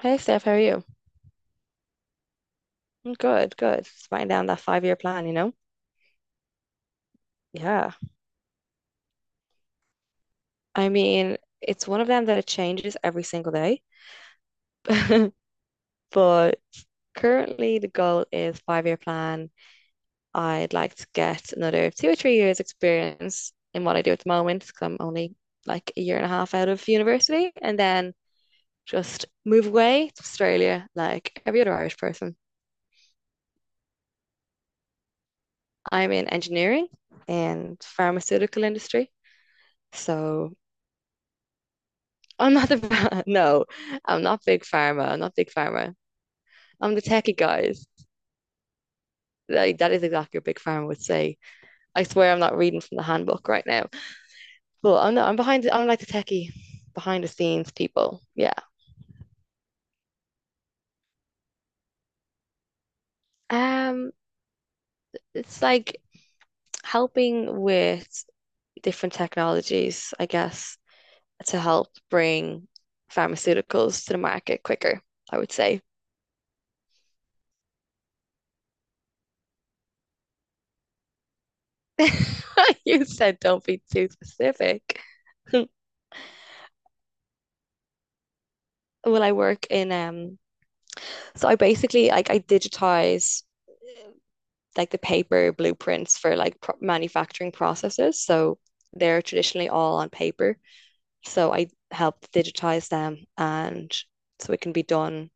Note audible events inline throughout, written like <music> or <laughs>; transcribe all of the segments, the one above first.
Hey Steph, how are you? I'm good, good. Just writing down that 5-year plan, you know? Yeah. I mean, it's one of them that it changes every single day. <laughs> But currently the goal is 5-year plan. I'd like to get another 2 or 3 years experience in what I do at the moment, because I'm only like a year and a half out of university, and then just move away to Australia like every other Irish person. I'm in engineering and pharmaceutical industry. So I'm not the <laughs> no, I'm not big pharma. I'm not big pharma. I'm the techie guys. Like that is exactly what big pharma would say. I swear I'm not reading from the handbook right now. But I'm not, I'm behind the, I'm like the techie behind the scenes people. Yeah. Um, it's like helping with different technologies, I guess, to help bring pharmaceuticals to the market quicker, I would say. <laughs> You said don't be too specific. <laughs> Well, I work in So I basically, like, I digitize like the paper blueprints for like pro manufacturing processes. So they're traditionally all on paper. So I help digitize them and so it can be done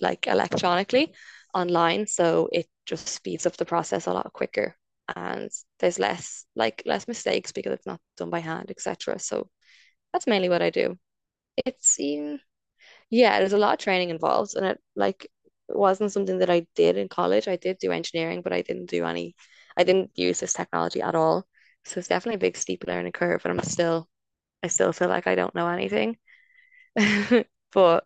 like electronically online. So it just speeds up the process a lot quicker, and there's less, like, less mistakes because it's not done by hand, etc. So that's mainly what I do. It's yeah, there's a lot of training involved, and it, like, wasn't something that I did in college. I did do engineering, but I didn't use this technology at all. So it's definitely a big steep learning curve, and I still feel like I don't know anything. <laughs> But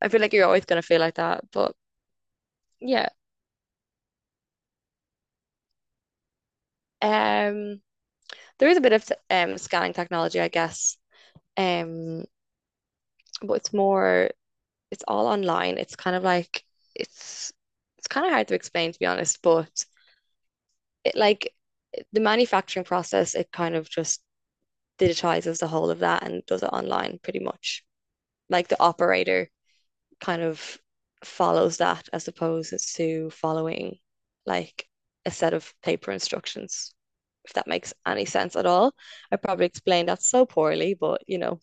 I feel like you're always gonna feel like that. But yeah, um, there is a bit of scanning technology, I guess. Um, but it's all online. It's kind of like it's, it's kind of hard to explain, to be honest, but it, like, the manufacturing process, it kind of just digitizes the whole of that and does it online pretty much. Like the operator kind of follows that as opposed to following, like, a set of paper instructions, if that makes any sense at all. I probably explained that so poorly,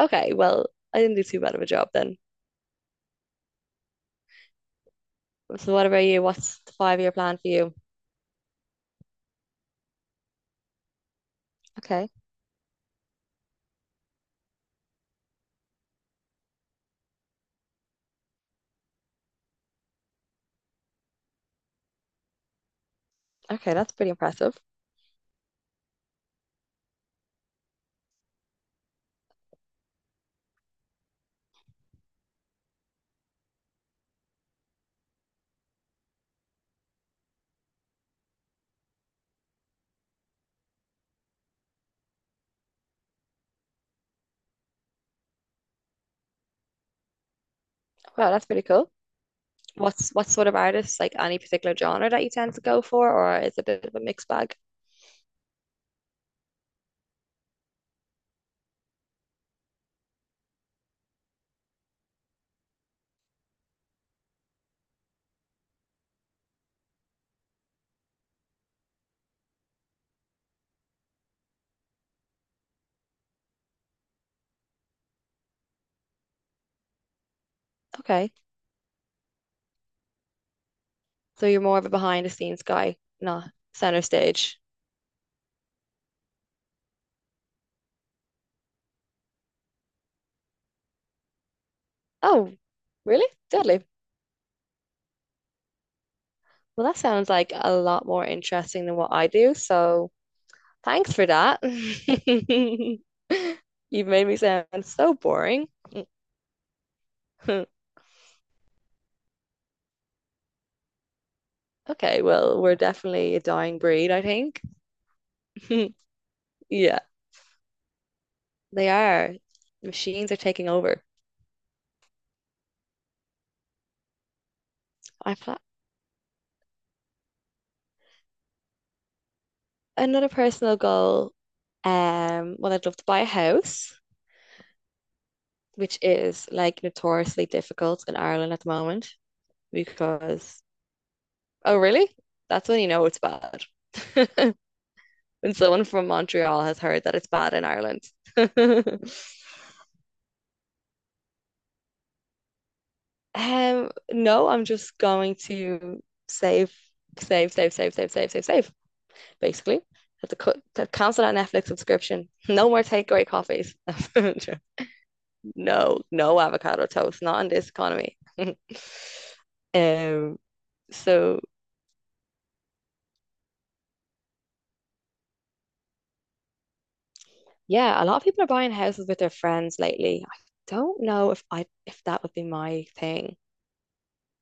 okay, well, I didn't do too bad of a job then. So what about you? What's the 5-year plan for you? Okay. Okay, that's pretty impressive. Wow, that's pretty cool. What sort of artists, like any particular genre that you tend to go for, or is it a bit of a mixed bag? Okay. So you're more of a behind the scenes guy, not center stage. Oh, really? Deadly. Well, that sounds like a lot more interesting than what I do, so thanks for that. <laughs> You've made me sound so boring. <laughs> Okay, well, we're definitely a dying breed, I think. <laughs> Yeah, they are. Machines are taking over. I fl Another personal goal, well, I'd love to buy a house, which is like notoriously difficult in Ireland at the moment, because, oh, really? That's when you know it's bad. <laughs> When someone from Montreal has heard that it's bad in Ireland. <laughs> No, I'm just going to save, save, save, save, save, save, save, save, basically. Have to cancel that Netflix subscription. No more takeaway coffees. <laughs> No, no avocado toast, not in this economy. <laughs> Um, so yeah, a lot of people are buying houses with their friends lately. I don't know if that would be my thing.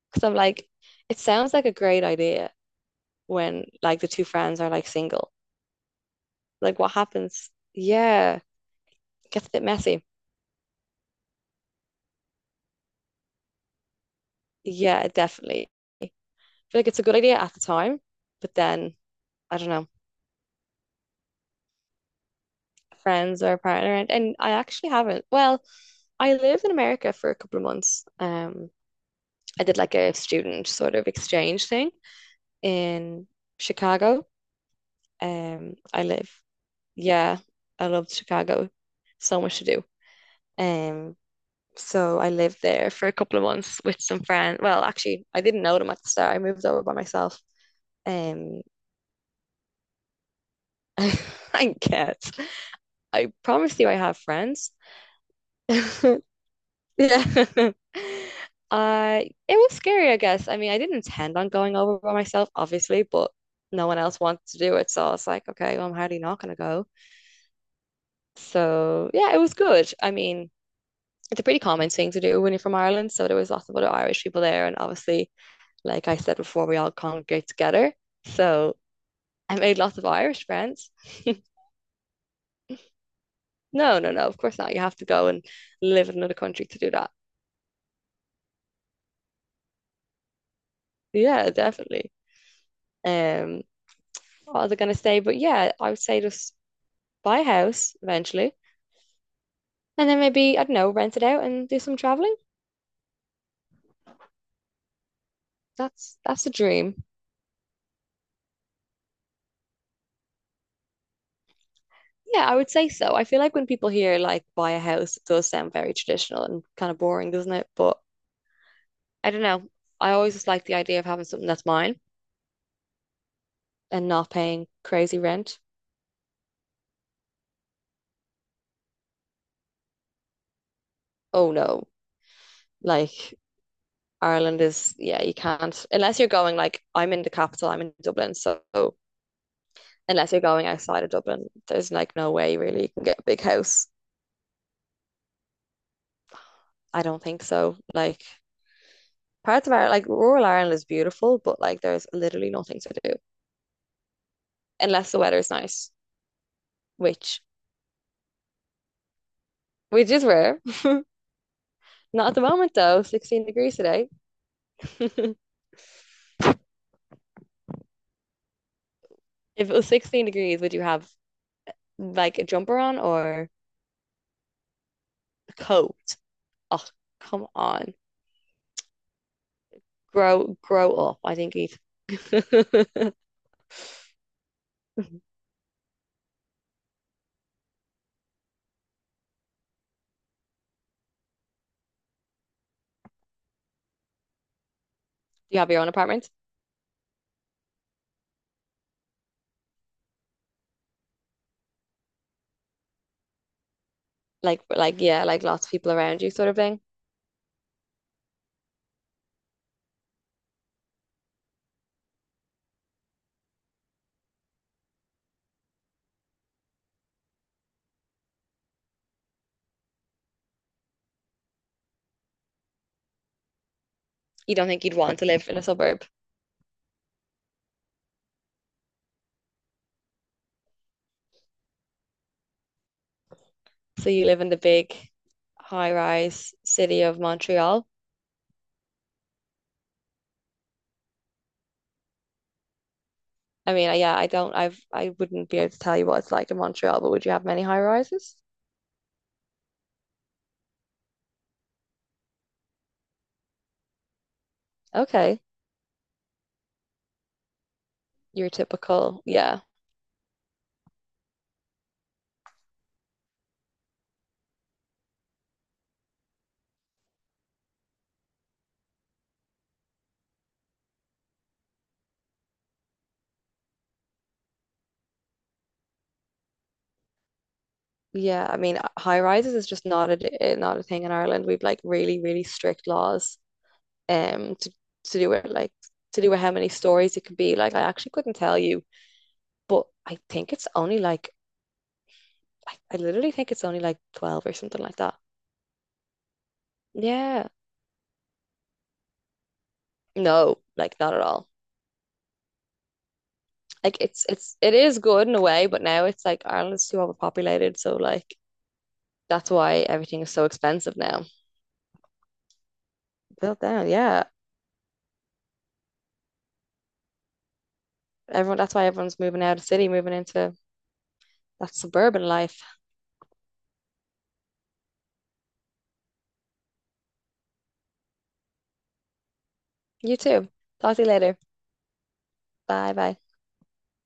Because I'm like, it sounds like a great idea when, like, the two friends are, like, single. Like what happens? Yeah, it gets a bit messy. Yeah, definitely. I feel like it's a good idea at the time, but then I don't know, friends or a partner and I actually haven't. Well, I lived in America for a couple of months. I did, like, a student sort of exchange thing in Chicago. Um, I live, yeah, I loved Chicago. So much to do. Um, so I lived there for a couple of months with some friends. Well, actually, I didn't know them at the start. I moved over by myself. Um, <laughs> I guess I promise you, I have friends. <laughs> Yeah. <laughs> Uh, it was scary, I guess. I mean, I didn't intend on going over by myself, obviously, but no one else wanted to do it, so I was like, okay, well, I'm hardly not gonna go. So yeah, it was good. I mean, it's a pretty common thing to do when you're from Ireland, so there was lots of other Irish people there, and obviously, like I said before, we all congregate together. So I made lots of Irish friends. <laughs> No, no, no, of course not. You have to go and live in another country to do that. Yeah, definitely. Um, what was I gonna say? But yeah, I would say just buy a house eventually, and then maybe, I don't know, rent it out and do some traveling. That's a dream. Yeah, I would say so. I feel like when people hear, like, buy a house, it does sound very traditional and kind of boring, doesn't it? But I don't know. I always just like the idea of having something that's mine and not paying crazy rent. Oh no. Like Ireland is, yeah, you can't unless you're going like I'm in the capital, I'm in Dublin, so unless you're going outside of Dublin, there's like no way really you can get a big house. I don't think so. Like parts of Ireland, like rural Ireland is beautiful, but like there's literally nothing to do unless the weather's nice, which which is rare. <laughs> Not at the moment though, 16 degrees today. <laughs> If it was 16 degrees, would you have like a jumper on or a coat? Oh, come on. Grow up. I think you need- <laughs> You have your own apartment. Like yeah, like lots of people around you sort of thing. You don't think you'd want to live in a suburb. So you live in the big high-rise city of Montreal. I mean, yeah, I don't, I've, I wouldn't be able to tell you what it's like in Montreal, but would you have many high rises? Okay, your typical, yeah, yeah. I mean, high rises is just not a thing in Ireland. We've like really, really strict laws, um, to to do with how many stories it could be. Like, I actually couldn't tell you, but I think it's only like, I literally think it's only like 12 or something like that. Yeah, no, like not at all. Like it is good in a way, but now it's like Ireland's too overpopulated, so like that's why everything is so expensive now. Built down, yeah. That's why everyone's moving out of the city, moving into that suburban life. You too. Talk to you later. Bye bye.